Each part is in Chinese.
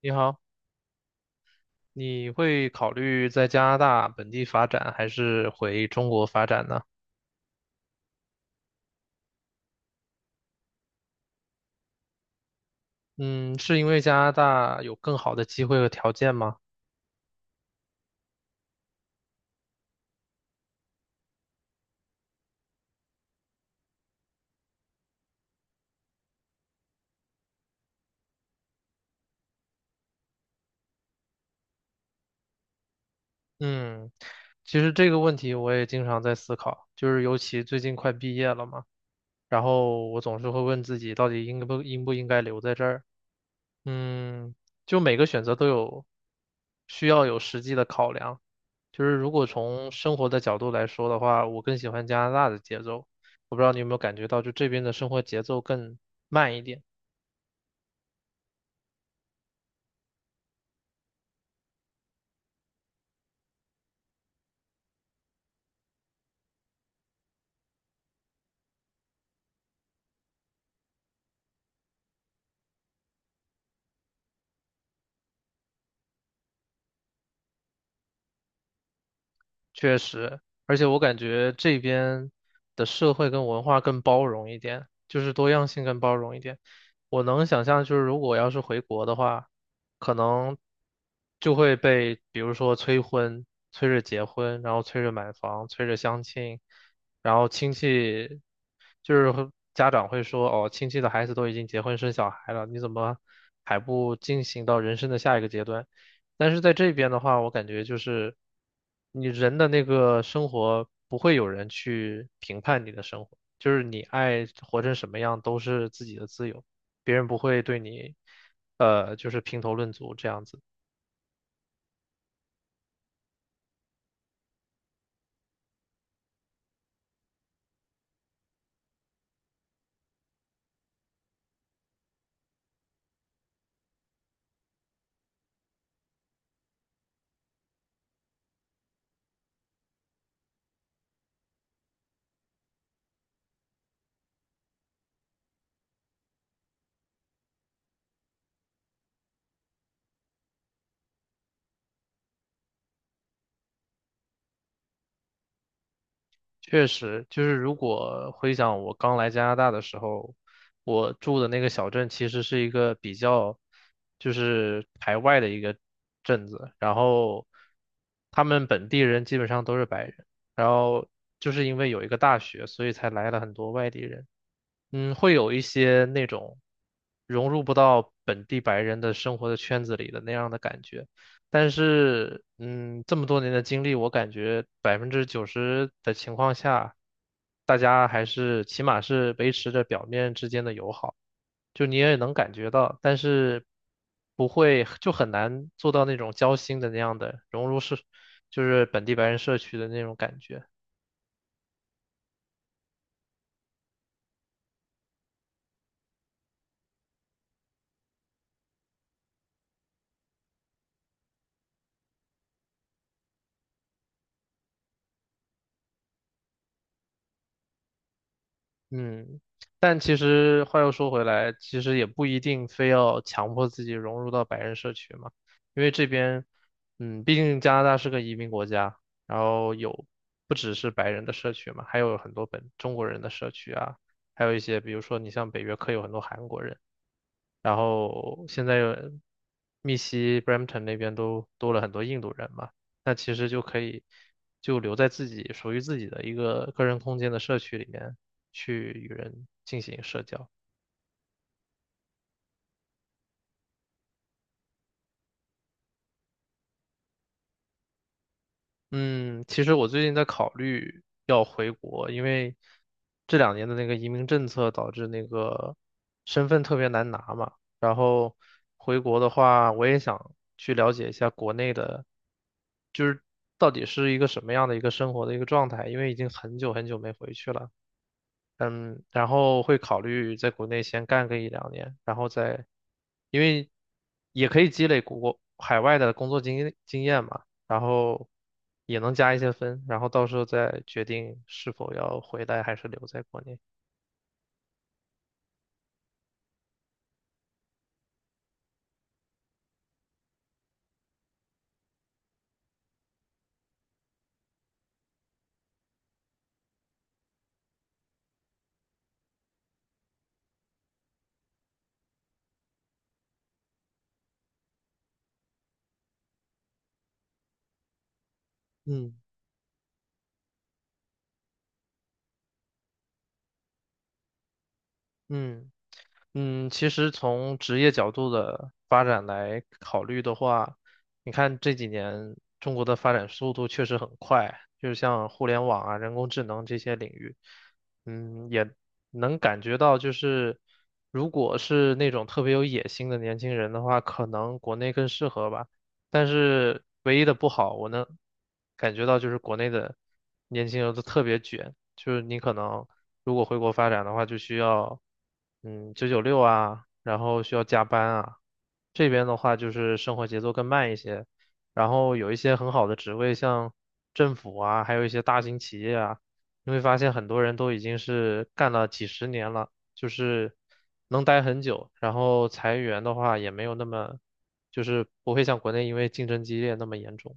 你好，你会考虑在加拿大本地发展，还是回中国发展呢？嗯，是因为加拿大有更好的机会和条件吗？嗯，其实这个问题我也经常在思考，就是尤其最近快毕业了嘛。然后我总是会问自己，到底应不应该留在这儿？嗯，就每个选择都有需要有实际的考量。就是如果从生活的角度来说的话，我更喜欢加拿大的节奏。我不知道你有没有感觉到，就这边的生活节奏更慢一点。确实，而且我感觉这边的社会跟文化更包容一点，就是多样性更包容一点。我能想象，就是如果要是回国的话，可能就会被比如说催婚、催着结婚，然后催着买房、催着相亲，然后亲戚就是会家长会说，哦，亲戚的孩子都已经结婚生小孩了，你怎么还不进行到人生的下一个阶段？但是在这边的话，我感觉就是你人的那个生活不会有人去评判你的生活，就是你爱活成什么样都是自己的自由，别人不会对你就是评头论足这样子。确实，就是如果回想我刚来加拿大的时候，我住的那个小镇其实是一个比较，就是排外的一个镇子，然后他们本地人基本上都是白人，然后就是因为有一个大学，所以才来了很多外地人。嗯，会有一些那种融入不到本地白人的生活的圈子里的那样的感觉。但是，嗯，这么多年的经历，我感觉90%的情况下，大家还是起码是维持着表面之间的友好，就你也能感觉到，但是不会就很难做到那种交心的那样的融入社，就是本地白人社区的那种感觉。嗯，但其实话又说回来，其实也不一定非要强迫自己融入到白人社区嘛，因为这边，嗯，毕竟加拿大是个移民国家，然后有不只是白人的社区嘛，还有很多本中国人的社区啊，还有一些比如说你像北约克有很多韩国人，然后现在有密西 Brampton 那边都多了很多印度人嘛，那其实就可以就留在自己属于自己的一个个人空间的社区里面去与人进行社交。嗯，其实我最近在考虑要回国，因为这两年的那个移民政策导致那个身份特别难拿嘛。然后回国的话，我也想去了解一下国内的，就是到底是一个什么样的一个生活的一个状态，因为已经很久很久没回去了。嗯，然后会考虑在国内先干个一两年，然后再，因为也可以积累国海外的工作经验嘛，然后也能加一些分，然后到时候再决定是否要回来还是留在国内。嗯嗯。嗯，其实从职业角度的发展来考虑的话，你看这几年中国的发展速度确实很快，就是像互联网啊、人工智能这些领域，嗯，也能感觉到，就是如果是那种特别有野心的年轻人的话，可能国内更适合吧。但是唯一的不好，我能感觉到就是国内的年轻人都特别卷，就是你可能。如果回国发展的话，就需要996啊，然后需要加班啊。这边的话就是生活节奏更慢一些，然后有一些很好的职位，像政府啊，还有一些大型企业啊，你会发现很多人都已经是干了几十年了，就是能待很久。然后裁员的话也没有那么，就是不会像国内因为竞争激烈那么严重。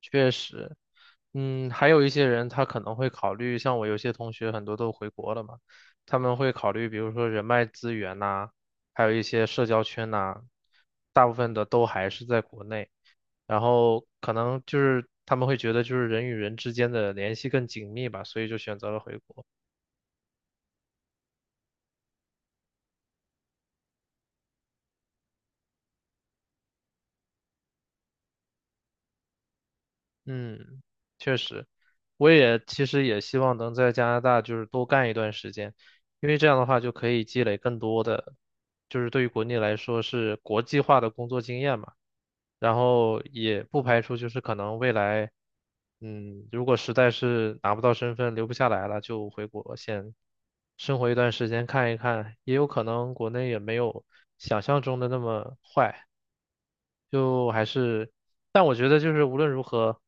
确实，嗯，还有一些人他可能会考虑，像我有些同学很多都回国了嘛，他们会考虑，比如说人脉资源呐、还有一些社交圈呐、大部分的都还是在国内，然后可能就是他们会觉得就是人与人之间的联系更紧密吧，所以就选择了回国。嗯，确实，我也其实也希望能在加拿大就是多干一段时间，因为这样的话就可以积累更多的，就是对于国内来说是国际化的工作经验嘛。然后也不排除就是可能未来，嗯，如果实在是拿不到身份留不下来了，就回国先生活一段时间看一看，也有可能国内也没有想象中的那么坏。就还是，但我觉得就是无论如何，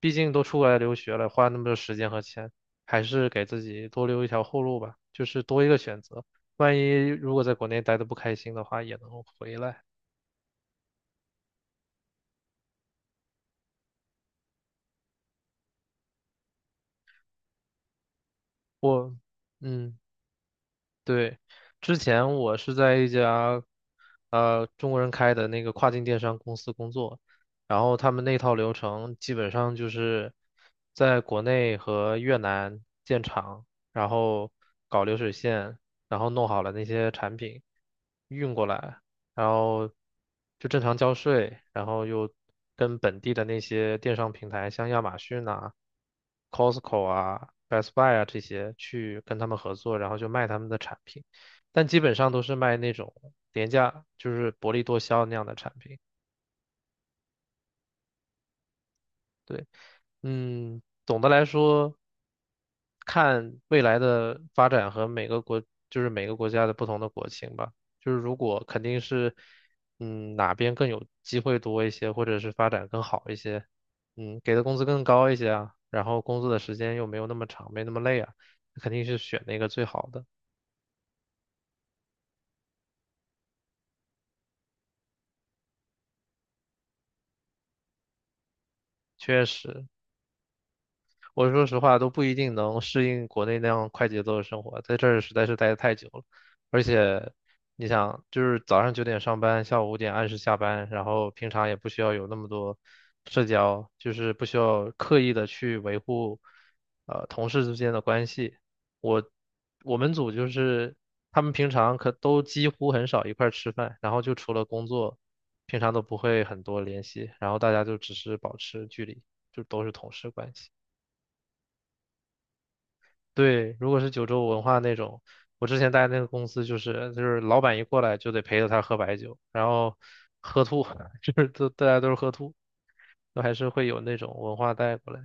毕竟都出来留学了，花那么多时间和钱，还是给自己多留一条后路吧，就是多一个选择。万一如果在国内待的不开心的话，也能回来。我，嗯。对，之前我是在一家中国人开的那个跨境电商公司工作，然后他们那套流程基本上就是在国内和越南建厂，然后搞流水线，然后弄好了那些产品运过来，然后就正常交税，然后又跟本地的那些电商平台，像亚马逊啊、Costco 啊、Best Buy 啊这些去跟他们合作，然后就卖他们的产品，但基本上都是卖那种廉价，就是薄利多销那样的产品。对。嗯，总的来说，看未来的发展和每个国，就是每个国家的不同的国情吧。就是如果肯定是，嗯，哪边更有机会多一些，或者是发展更好一些，嗯，给的工资更高一些啊，然后工作的时间又没有那么长，没那么累啊，肯定是选那个最好的。确实，我说实话都不一定能适应国内那样快节奏的生活，在这儿实在是待得太久了。而且，你想，就是早上9点上班，下午5点按时下班，然后平常也不需要有那么多社交，就是不需要刻意的去维护，同事之间的关系。我我们组就是他们平常可都几乎很少一块儿吃饭，然后就除了工作，平常都不会很多联系，然后大家就只是保持距离，就都是同事关系。对，如果是九州文化那种，我之前待那个公司就是老板一过来就得陪着他喝白酒，然后喝吐，就是都大家都是喝吐，都还是会有那种文化带过来。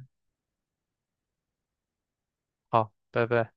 好，拜拜。